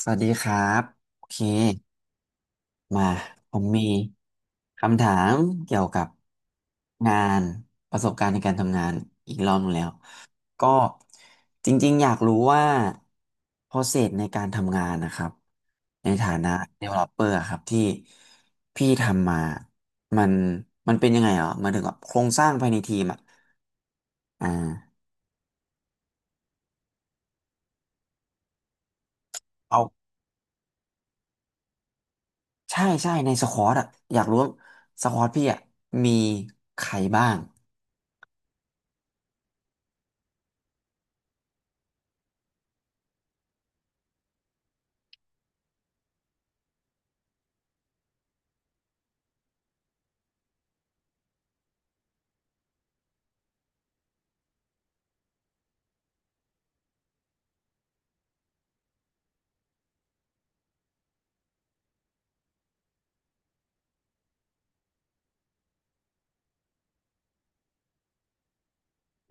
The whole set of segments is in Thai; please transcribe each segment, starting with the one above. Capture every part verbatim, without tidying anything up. สวัสดีครับโอเคมาผมมีคำถามเกี่ยวกับงานประสบการณ์ในการทำงานอีกรอบหนึงแล้วก็จริงๆอยากรู้ว่า process ในการทำงานนะครับในฐานะ developer อะครับที่พี่ทำมามันมันเป็นยังไงเหรอหมายถึงว่าโครงสร้างภายในทีมอ่ะอ่าเอาใช่ใช่ในสควอตอ่ะอยากรู้ว่าสควอตพี่อ่ะมีใครบ้าง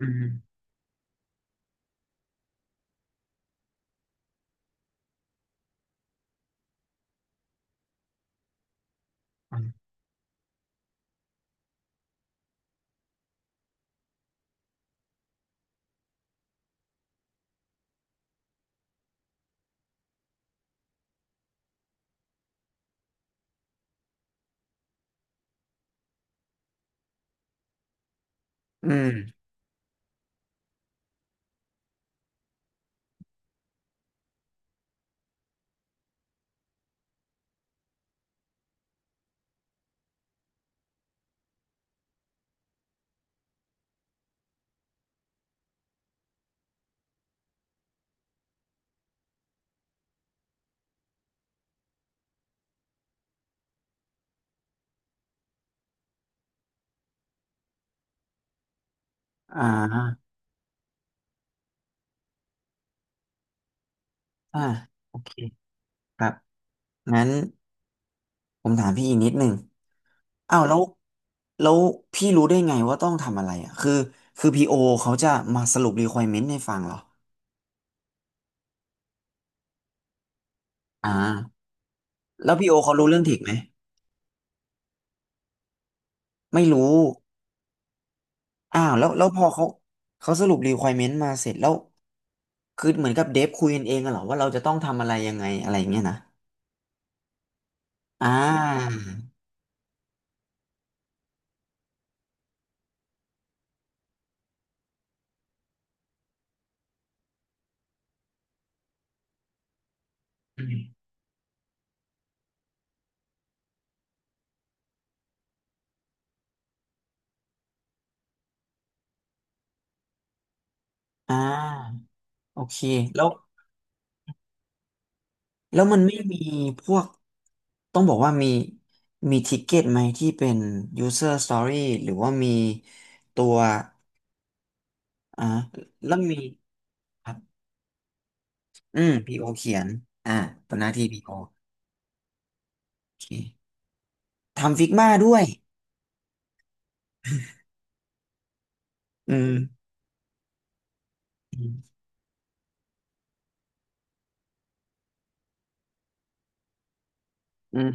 อืม อืมอ่าอ่าโอเคครับงั้นผมถามพี่อีกนิดหนึ่งอ้าวแล้วแล้วพี่รู้ได้ไงว่าต้องทำอะไรอ่ะคือคือพีโอเขาจะมาสรุป requirement ให้ฟังเหรออ่าแล้วพีโอเขารู้เรื่องเทคไหมไม่รู้อ้าวแล้วแล้วพอเขาเขาสรุป requirement มาเสร็จแล้วคือเหมือนกับเดฟคุยกันเองกันเหรอว่าเราจะต้องทำอะไรยังไงอะไรอย่างเงี้ยนะอ่าอ่าโอเคแล้ว แล้วมันไม่มีพวกต้องบอกว่ามีมีทิกเก็ตไหมที่เป็น user story หรือว่ามีตัวอ่าแล้วมีครับอืม พี โอ เขียนอ่าเป็นหน้าที่ พี โอ โอโอเคทำฟิกมาด้วยอืมอืมอืม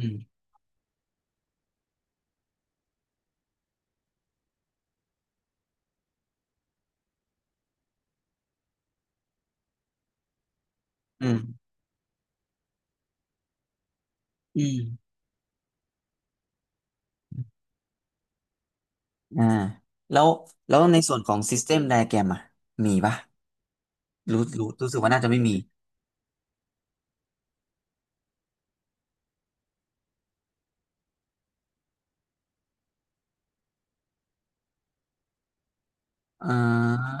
อืมอืมอ่าแล้วแล้วในส่วนของ System Diagram อ่ะมีปะรู้รู้รู้สึกว่าน่าจะไม่มีอ่า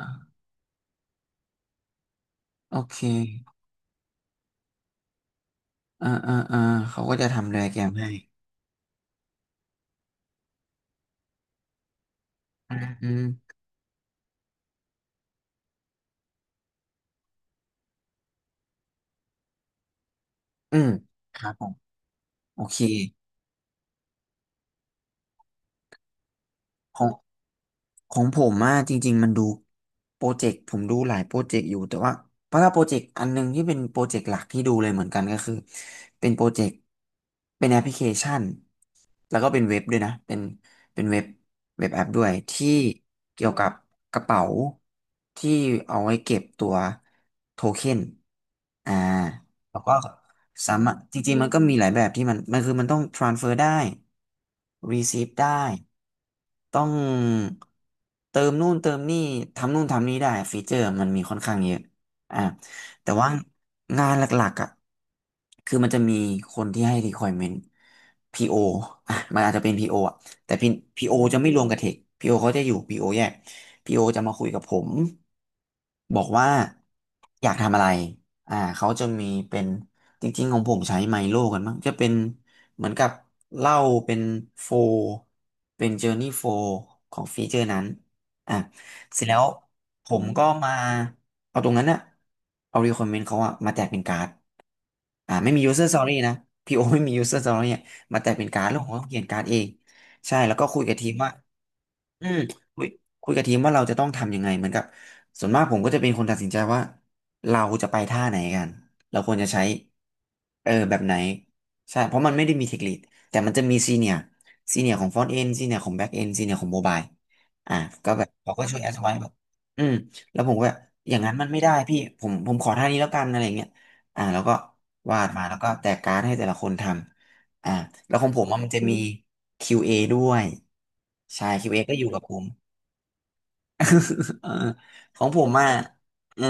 โอเคอ่าอ่าอ่าเขาก็จะทำ Diagram ให้อืม อืมครับผมโอเคของ ของผมอะจริงๆมันดูโปรเจกต์ผมดูหลายโปรเจกต์อยู่แต่ว่าเพราะถ้าโปรเจกต์อันหนึงที่เป็นโปรเจกต์หลักที่ดูเลยเหมือนกันก็คือเป็นโปรเจกต์เป็นแอปพลิเคชันแล้วก็เป็นเว็บด้วยนะเป็นเป็นเว็บเว็บแอปด้วยที่เกี่ยวกับกระเป๋าที่เอาไว้เก็บตัวโทเค็นอ่าแล้วก็สามารถจริงๆมันก็มีหลายแบบที่มันมันคือมันต้อง transfer ได้ receive ได้ ต้องเติมนู่นเติมนี่ทำนู่นทำนี่ได้ฟีเจอร์มันมีค่อนข้างเยอะอ่ะแต่ว่างานหลักๆอ่ะคือมันจะมีคนที่ให้ requirement พี โอ ออ่ะมันอาจจะเป็น PO ออ่ะแต่ พี โอ จะไม่รวมกับเทค PO เขาจะอยู่ พี โอ แยก พี โอ จะมาคุยกับผมบอกว่าอยากทำอะไรอ่าเขาจะมีเป็น จริงๆของผมใช้ไมโลกันมั้งจะเป็นเหมือนกับเหล้าเป็นโฟร์เป็นเจอร์นี่โฟร์ของฟีเจอร์นั้นอ่ะเสร็จแล้วผมมก็มาเอาตรงนั้นอะเอา requirement เขาอะมาแจกเป็นการ์ด อ่าไม่มี user story นะพีโอไม่มี user story เนี่ยมาแต่เป็นการ์ดแล้วผมก็เขียนการ์ดเองใช่แล้วก็คุยกับทีมว่าอืมคุยคุยกับทีมว่าเราจะต้องทำยังไงเหมือนกับส่วนมากผมก็จะเป็นคนตัดสินใจว่าเราจะไปท่าไหนกันเราควรจะใช้เออแบบไหนใช่เพราะมันไม่ได้มีเทคนิคแต่มันจะมีซีเนียร์ซีเนียร์ของฟอนต์เอนซีเนียร์ของแบ็กเอนซีเนียร์ของโมบายอ่าก็แบบเขาก็ช่วยแอดไว้แบบอืมแล้วผมก็แบบอย่างนั้นมันไม่ได้พี่ผมผมขอท่านี้แล้วกันอะไรเงี้ยอ่าแล้วก็ วาดมาแล้วก็แจกการ์ดให้แต่ละคนทำ อ่าแล้วของผมว่ามันจะมี คิว เอ ด้วย ใช่ คิว เอ ก็อยู่กับผม เออของผมอ่ะเออ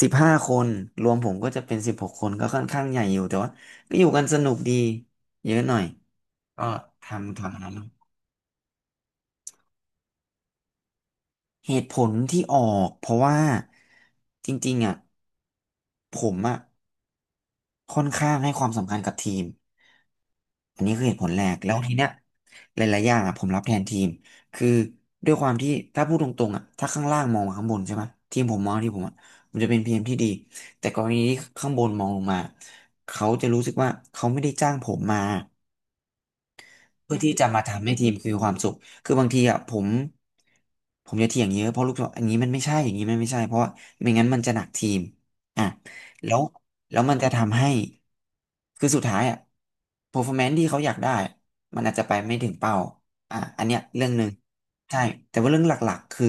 สิบห้าคนรวมผมก็จะเป็นสิบหกคนก็ค่อนข้างใหญ่อยู่แต่ว่าก็อยู่กันสนุกดีเยอะหน่อย ก็ทำทำอันนั้นเหตุผลที่ออกเพราะว่าจริงๆอ่ะผมอ่ะ ค่อนข้างให้ความสำคัญกับทีมอันนี้คือเหตุผลแรกแล้วทีเนี้ยหลายๆอย่างอ่ะผมรับแทนทีมคือด้วยความที่ถ้าพูดตรงๆอ่ะถ้าข้างล่างมองมาข้างบนใช่ไหมทีมผมมองที่ผมอ่ะมันจะเป็นพีเอ็มที่ดีแต่กรณีที่ข้างบนมองลงมาเขาจะรู้สึกว่าเขาไม่ได้จ้างผมมา เพื่อที่จะมาทำให้ทีมคือความสุข คือบางทีอ่ะผมผมจะเถียงเยอะเพราะลูกทีมอันนี้มันไม่ใช่อย่างนี้มันไม่ใช่เพราะว่าไม่งั้นมันจะหนักทีมอ่ะแล้วแล้วมันจะทำให้คือสุดท้ายอ่ะ performance ที่เขาอยากได้มันอาจจะไปไม่ถึงเป้าอ่ะอันเนี้ยเรื่องหนึ่งใช่แต่ว่าเรื่องหลักๆคือ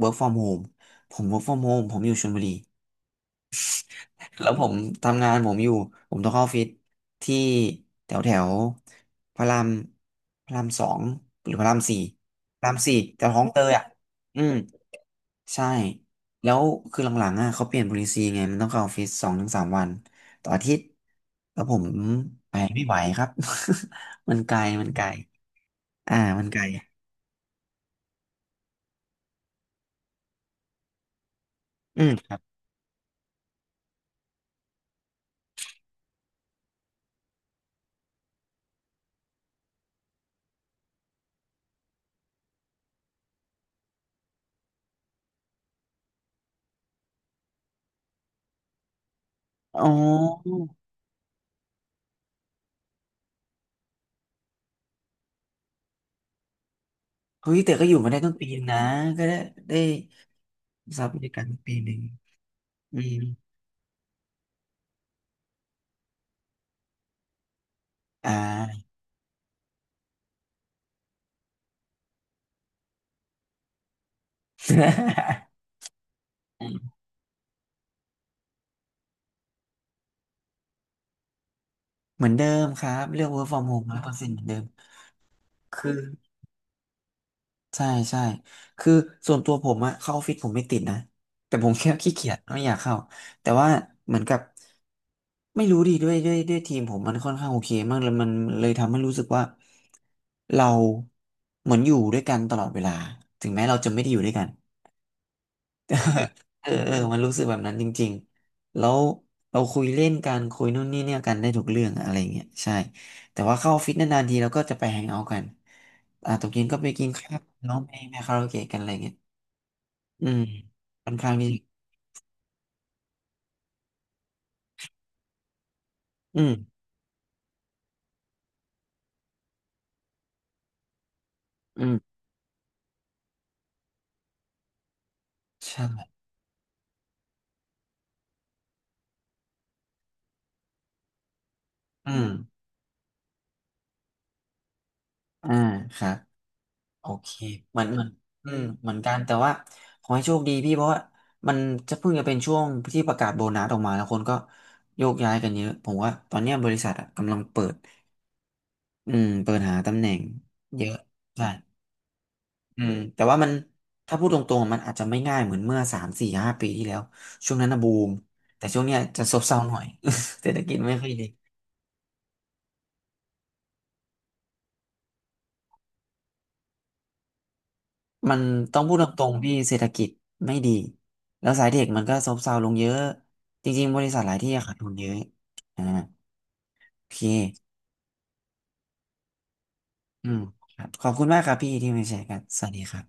work from home ผม work from home ผมอยู่ชลบุรี แล้วผมทำงานผมอยู่ผมต้องเข้าออฟฟิศที่แถวแถวพระรามพระรามสองหรือพระรามสี่พระรามสี่แถวคลองเตยอ่ะอืมใช่แล้วคือหลังๆอ่ะเขาเปลี่ยน policy ไงมันต้องเข้าออฟฟิศสองถึงสามวันต่ออาทิตย์แล้วผมไปไม่ไหวครับ มันไกลมันไกลอ่ามันไกลอืมครับอ๋อเฮ้ยแต่ก็อยู่มาได้ตั้งปีนึงนะก็ได้ได้ทราบรรยากาศตั้งปีหนึ่งอืมอ่า เหมือนเดิมครับเรื่อง เวิร์คฟรอมโฮม ร้อยเปอร์เซ็นต์เหมือนเดิมคือใช่ใช่คือส่วนตัวผมอะเข้าออฟฟิศผมไม่ติดนะแต่ผมแค่ขี้เกียจไม่อยากเข้าแต่ว่าเหมือนกับไม่รู้ดิด้วยด้วยด้วยทีมผมมันค่อนข้างโอเคมากเลยมันเลยทำให้รู้สึกว่าเราเหมือนอยู่ด้วยกันตลอดเวลาถึงแม้เราจะไม่ได้อยู่ด้วยกัน เออเออมันรู้สึกแบบนั้นจริงๆแล้วเราคุยเล่นกันคุยนู่นนี่เนี่ยกันได้ทุกเรื่องอะอะไรเงี้ยใช่ แต่ว่าเข้าออฟฟิศนานๆทีเราก็จะไปแฮงเอาท์กันอ่าตกเย็นก็ไปกินข้าวร้องเพลงไปคาราโอเกะกันอะไรเงี้ยอืมค่อนข้างที่อืมอืมใช่อืมอ่าครับโอเคเหมือนเหมือนอืมเหมือนกันแต่ว่าขอให้โชคดีพี่เพราะว่ามันจะเพิ่งจะเป็นช่วงที่ประกาศโบนัสออกมาแล้วคนก็โยกย้ายกันเยอะผมว่าตอนเนี้ยบริษัทอะกำลังเปิด อืมเปิดหาตำแหน่งเยอะใช่อืมแต่ว่ามันถ้าพูดตรงๆมันอาจจะไม่ง่ายเหมือนเมื่อสามสี่ห้าปีที่แล้วช่วงนั้นนะบูมแต่ช่วงเนี้ยจะซบเซาหน่อย เศรษฐกิจไม่ค่อยดีมันต้องพูดตรงๆพี่เศรษฐกิจไม่ดีแล้วสายเทคมันก็ซบเซาลงเยอะจริงๆบริษัทหลายที่อะขาดทุนเยอะอ่าโอเคอืมครับขอบคุณมากครับพี่ที่มาแชร์กันสวัสดีครับ